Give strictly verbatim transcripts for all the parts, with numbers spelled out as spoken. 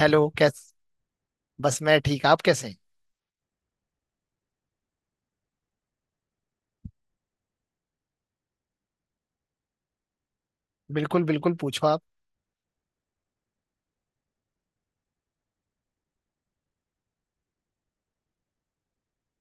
Hello कैस। बस मैं ठीक। आप कैसे हैं? बिल्कुल बिल्कुल, पूछो आप।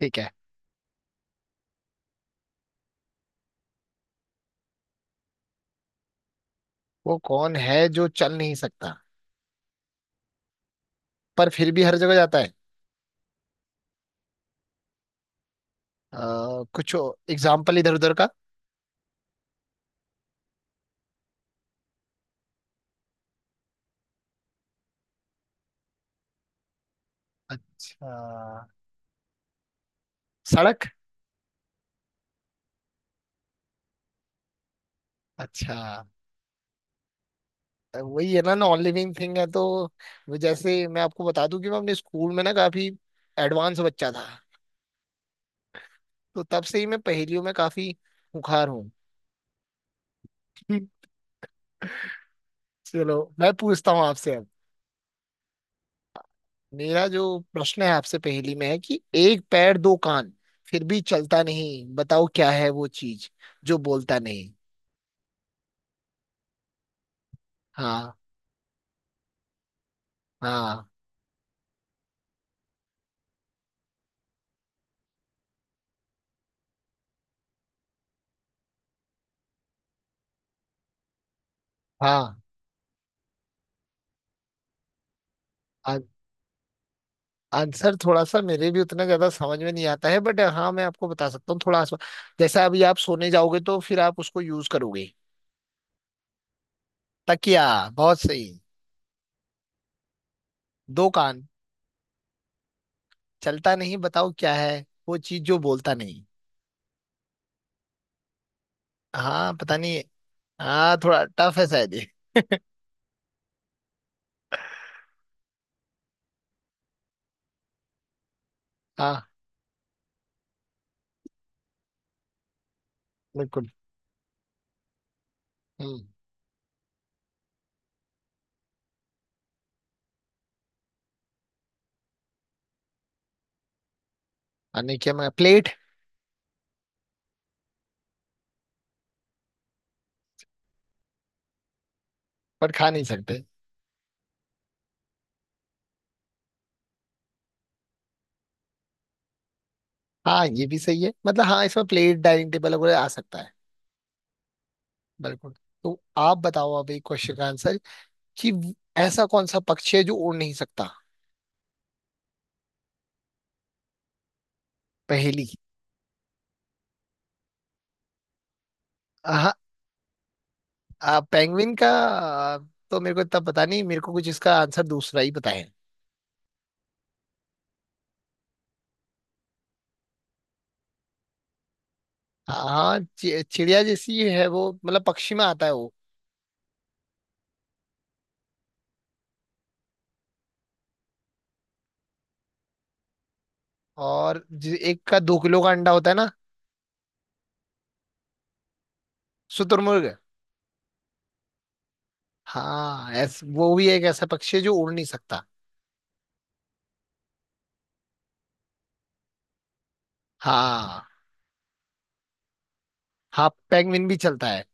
ठीक है। वो कौन है जो चल नहीं सकता पर फिर भी हर जगह जाता है? अ, कुछ एग्जाम्पल इधर उधर का। अच्छा, सड़क। अच्छा, वही है ना, नॉन लिविंग थिंग है तो। वो जैसे मैं आपको बता दूं कि मैं अपने स्कूल में ना काफी एडवांस बच्चा था। तो तब से ही मैं पहेलियों में काफी हुखार हूँ। चलो मैं पूछता हूँ आपसे अब। मेरा जो प्रश्न है आपसे पहेली में है कि एक पैर, दो कान, फिर भी चलता नहीं, बताओ क्या है वो चीज जो बोलता नहीं। हाँ, हाँ, हाँ। आ- आंसर थोड़ा सा मेरे भी उतना ज्यादा समझ में नहीं आता है, बट हाँ मैं आपको बता सकता हूँ थोड़ा आसपास। जैसे अभी आप सोने जाओगे तो फिर आप उसको यूज करोगे। तकिया। बहुत सही। दो कान। चलता नहीं, बताओ क्या है वो चीज जो बोलता नहीं। हाँ, पता नहीं। हाँ, थोड़ा टफ है शायद ये। हाँ, बिल्कुल। हम्म। आने क्या मैं प्लेट? पर खा नहीं सकते। हाँ, ये भी सही है, मतलब हाँ इसमें प्लेट, डाइनिंग टेबल वगैरह आ सकता है। बिल्कुल। तो आप बताओ अब एक क्वेश्चन का आंसर कि ऐसा कौन सा पक्षी है जो उड़ नहीं सकता? पहेली। हाँ। आ, पेंगुइन का आ, तो मेरे को इतना पता नहीं, मेरे को कुछ इसका आंसर दूसरा ही पता है। हाँ, चि- चिड़िया जैसी है वो, मतलब पक्षी में आता है वो। और जि- एक का दो किलो का अंडा होता है ना? शुतुरमुर्ग। हाँ ऐस, वो भी एक ऐसा पक्षी है जो उड़ नहीं सकता। हाँ। हाँ, पेंगुइन भी चलता है।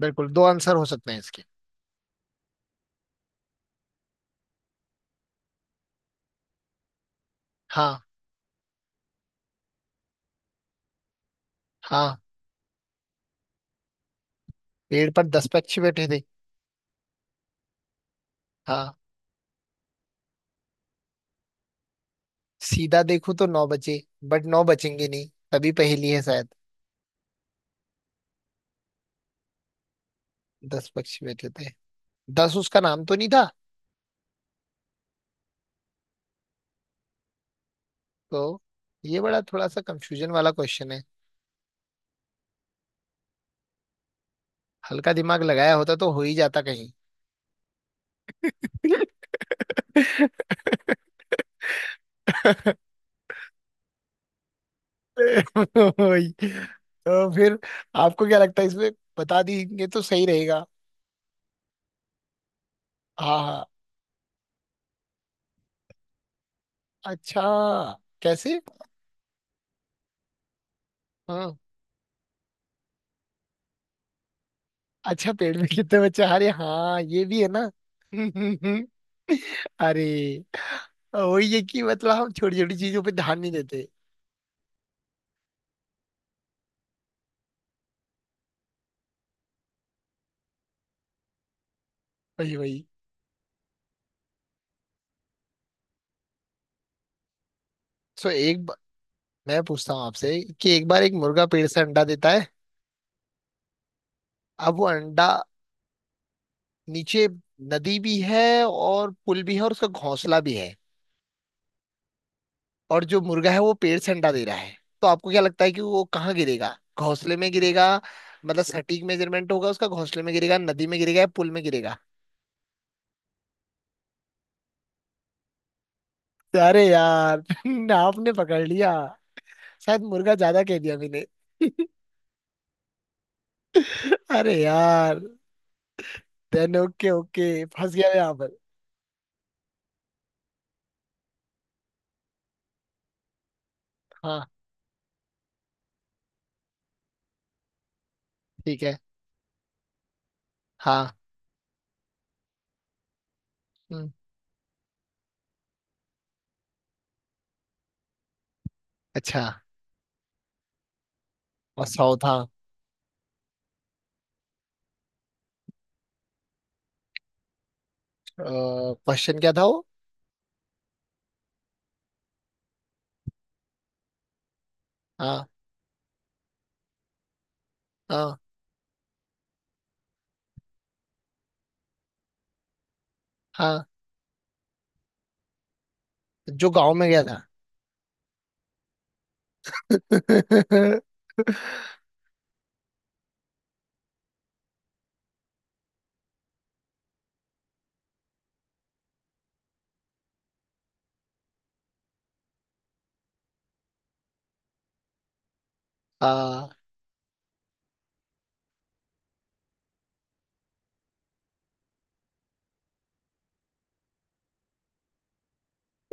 बिल्कुल, दो आंसर हो सकते हैं इसके। हाँ। हाँ। पेड़ पर दस पक्षी बैठे थे। हाँ। सीधा देखूं तो नौ बचे। बट नौ बचेंगे नहीं तभी पहेली है शायद। दस पक्षी बैठे थे। दस उसका नाम तो नहीं था। तो ये बड़ा थोड़ा सा कंफ्यूजन वाला क्वेश्चन है। हल्का दिमाग लगाया होता तो हो ही जाता कहीं। वही। तो फिर आपको क्या लगता है इसमें, बता देंगे तो सही रहेगा? हाँ, हाँ। अच्छा। कैसे? हाँ। अच्छा, पेड़ में कितने बच्चे, अरे हाँ ये भी है ना। अरे, वही है कि मतलब हम छोटी छोटी चीजों पे ध्यान नहीं देते। वही, वही। सो एक ब... मैं पूछता हूँ आपसे कि एक बार एक मुर्गा पेड़ से अंडा देता है। अब वो अंडा नीचे, नदी भी है और पुल भी है और उसका घोंसला भी है। और जो मुर्गा है वो पेड़ से अंडा दे रहा है, तो आपको क्या लगता है कि वो कहाँ गिरेगा? घोंसले में गिरेगा, मतलब सटीक मेजरमेंट होगा उसका, घोंसले में गिरेगा, नदी में गिरेगा या पुल में गिरेगा? अरे यार आपने पकड़ लिया, शायद मुर्गा ज्यादा कह दिया मैंने। अरे यार, देन ओके ओके फंस गया मैं यहाँ पर। हाँ, ठीक है। हाँ। हम्म, अच्छा। और सौ था? क्वेश्चन क्या था वो? हाँ, हाँ, हाँ। जो गांव में गया था। आ,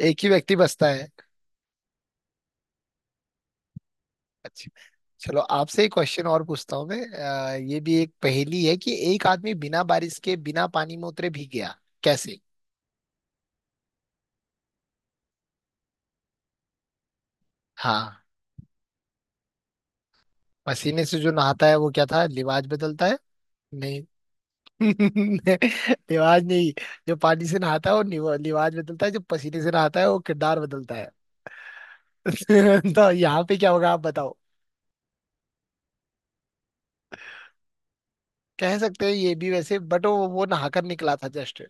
एक ही व्यक्ति बसता है। अच्छा। चलो आपसे एक क्वेश्चन और पूछता हूँ मैं, आ, ये भी एक पहेली है कि एक आदमी बिना बारिश के बिना पानी में उतरे भीग गया। कैसे? हाँ, पसीने से। जो नहाता है वो क्या था लिवाज बदलता है। नहीं। लिवाज नहीं। जो पानी से नहाता है वो निवा- लिवाज बदलता है, जो पसीने से नहाता है वो किरदार बदलता है। तो यहाँ पे क्या होगा आप बताओ? कह सकते हैं ये भी वैसे, बट वो वो नहाकर निकला था जस्ट।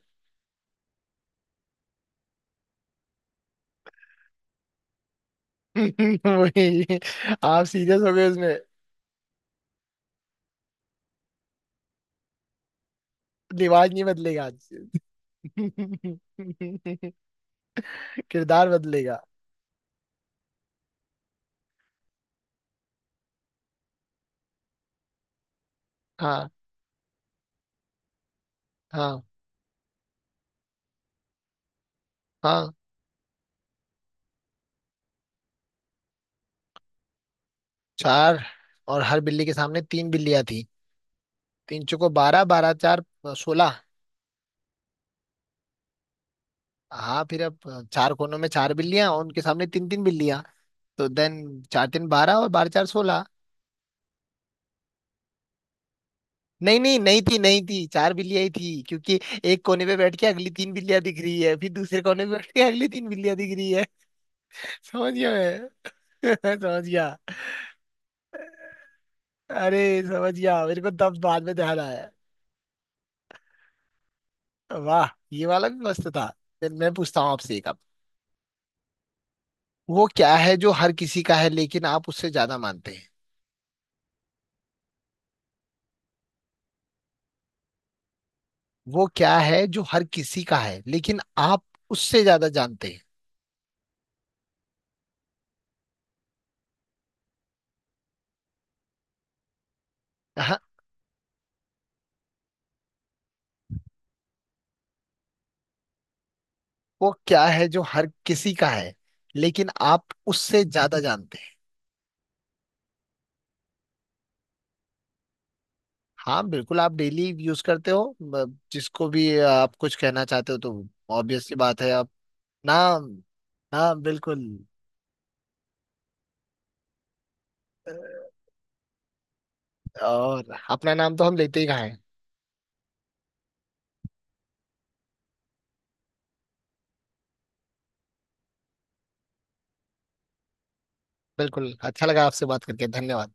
वही, आप सीरियस हो गए उसमें। लिवाज नहीं बदलेगा आज। किरदार बदलेगा। हाँ। हाँ। हाँ। चार। और हर बिल्ली के सामने तीन बिल्लियां थी। तीन चौको बारह, बारह चार अ, सोलह। हाँ, फिर अब अ, चार कोनों में चार बिल्लियां और उनके सामने तीन तीन बिल्लियां। तो देन चार तीन बारह और बारह चार सोलह। नहीं, नहीं, नहीं थी, नहीं थी, चार बिल्लियां ही थी क्योंकि एक कोने पे बैठ के अगली तीन बिल्लियां दिख रही है, फिर दूसरे कोने पे बैठ के अगली तीन बिल्लियां दिख रही है। समझ गया मैं, समझ गया। अरे, समझ गया मेरे को तब बाद में ध्यान आया। वाह, ये वाला भी मस्त था। फिर मैं पूछता हूँ आपसे एक अब। वो क्या है जो हर किसी का है लेकिन आप उससे ज्यादा मानते हैं? वो क्या है जो हर किसी का है, लेकिन आप उससे ज्यादा जानते हैं? हाँ। वो क्या है जो हर किसी का है लेकिन आप उससे ज्यादा जानते हैं? हाँ, बिल्कुल। आप डेली यूज करते हो, ब- जिसको भी आप कुछ कहना चाहते हो तो ऑब्वियस सी बात है आप। नाम। हाँ, बिल्कुल। और अपना नाम तो हम लेते ही कहाँ हैं? बिल्कुल, अच्छा लगा आपसे बात करके। धन्यवाद।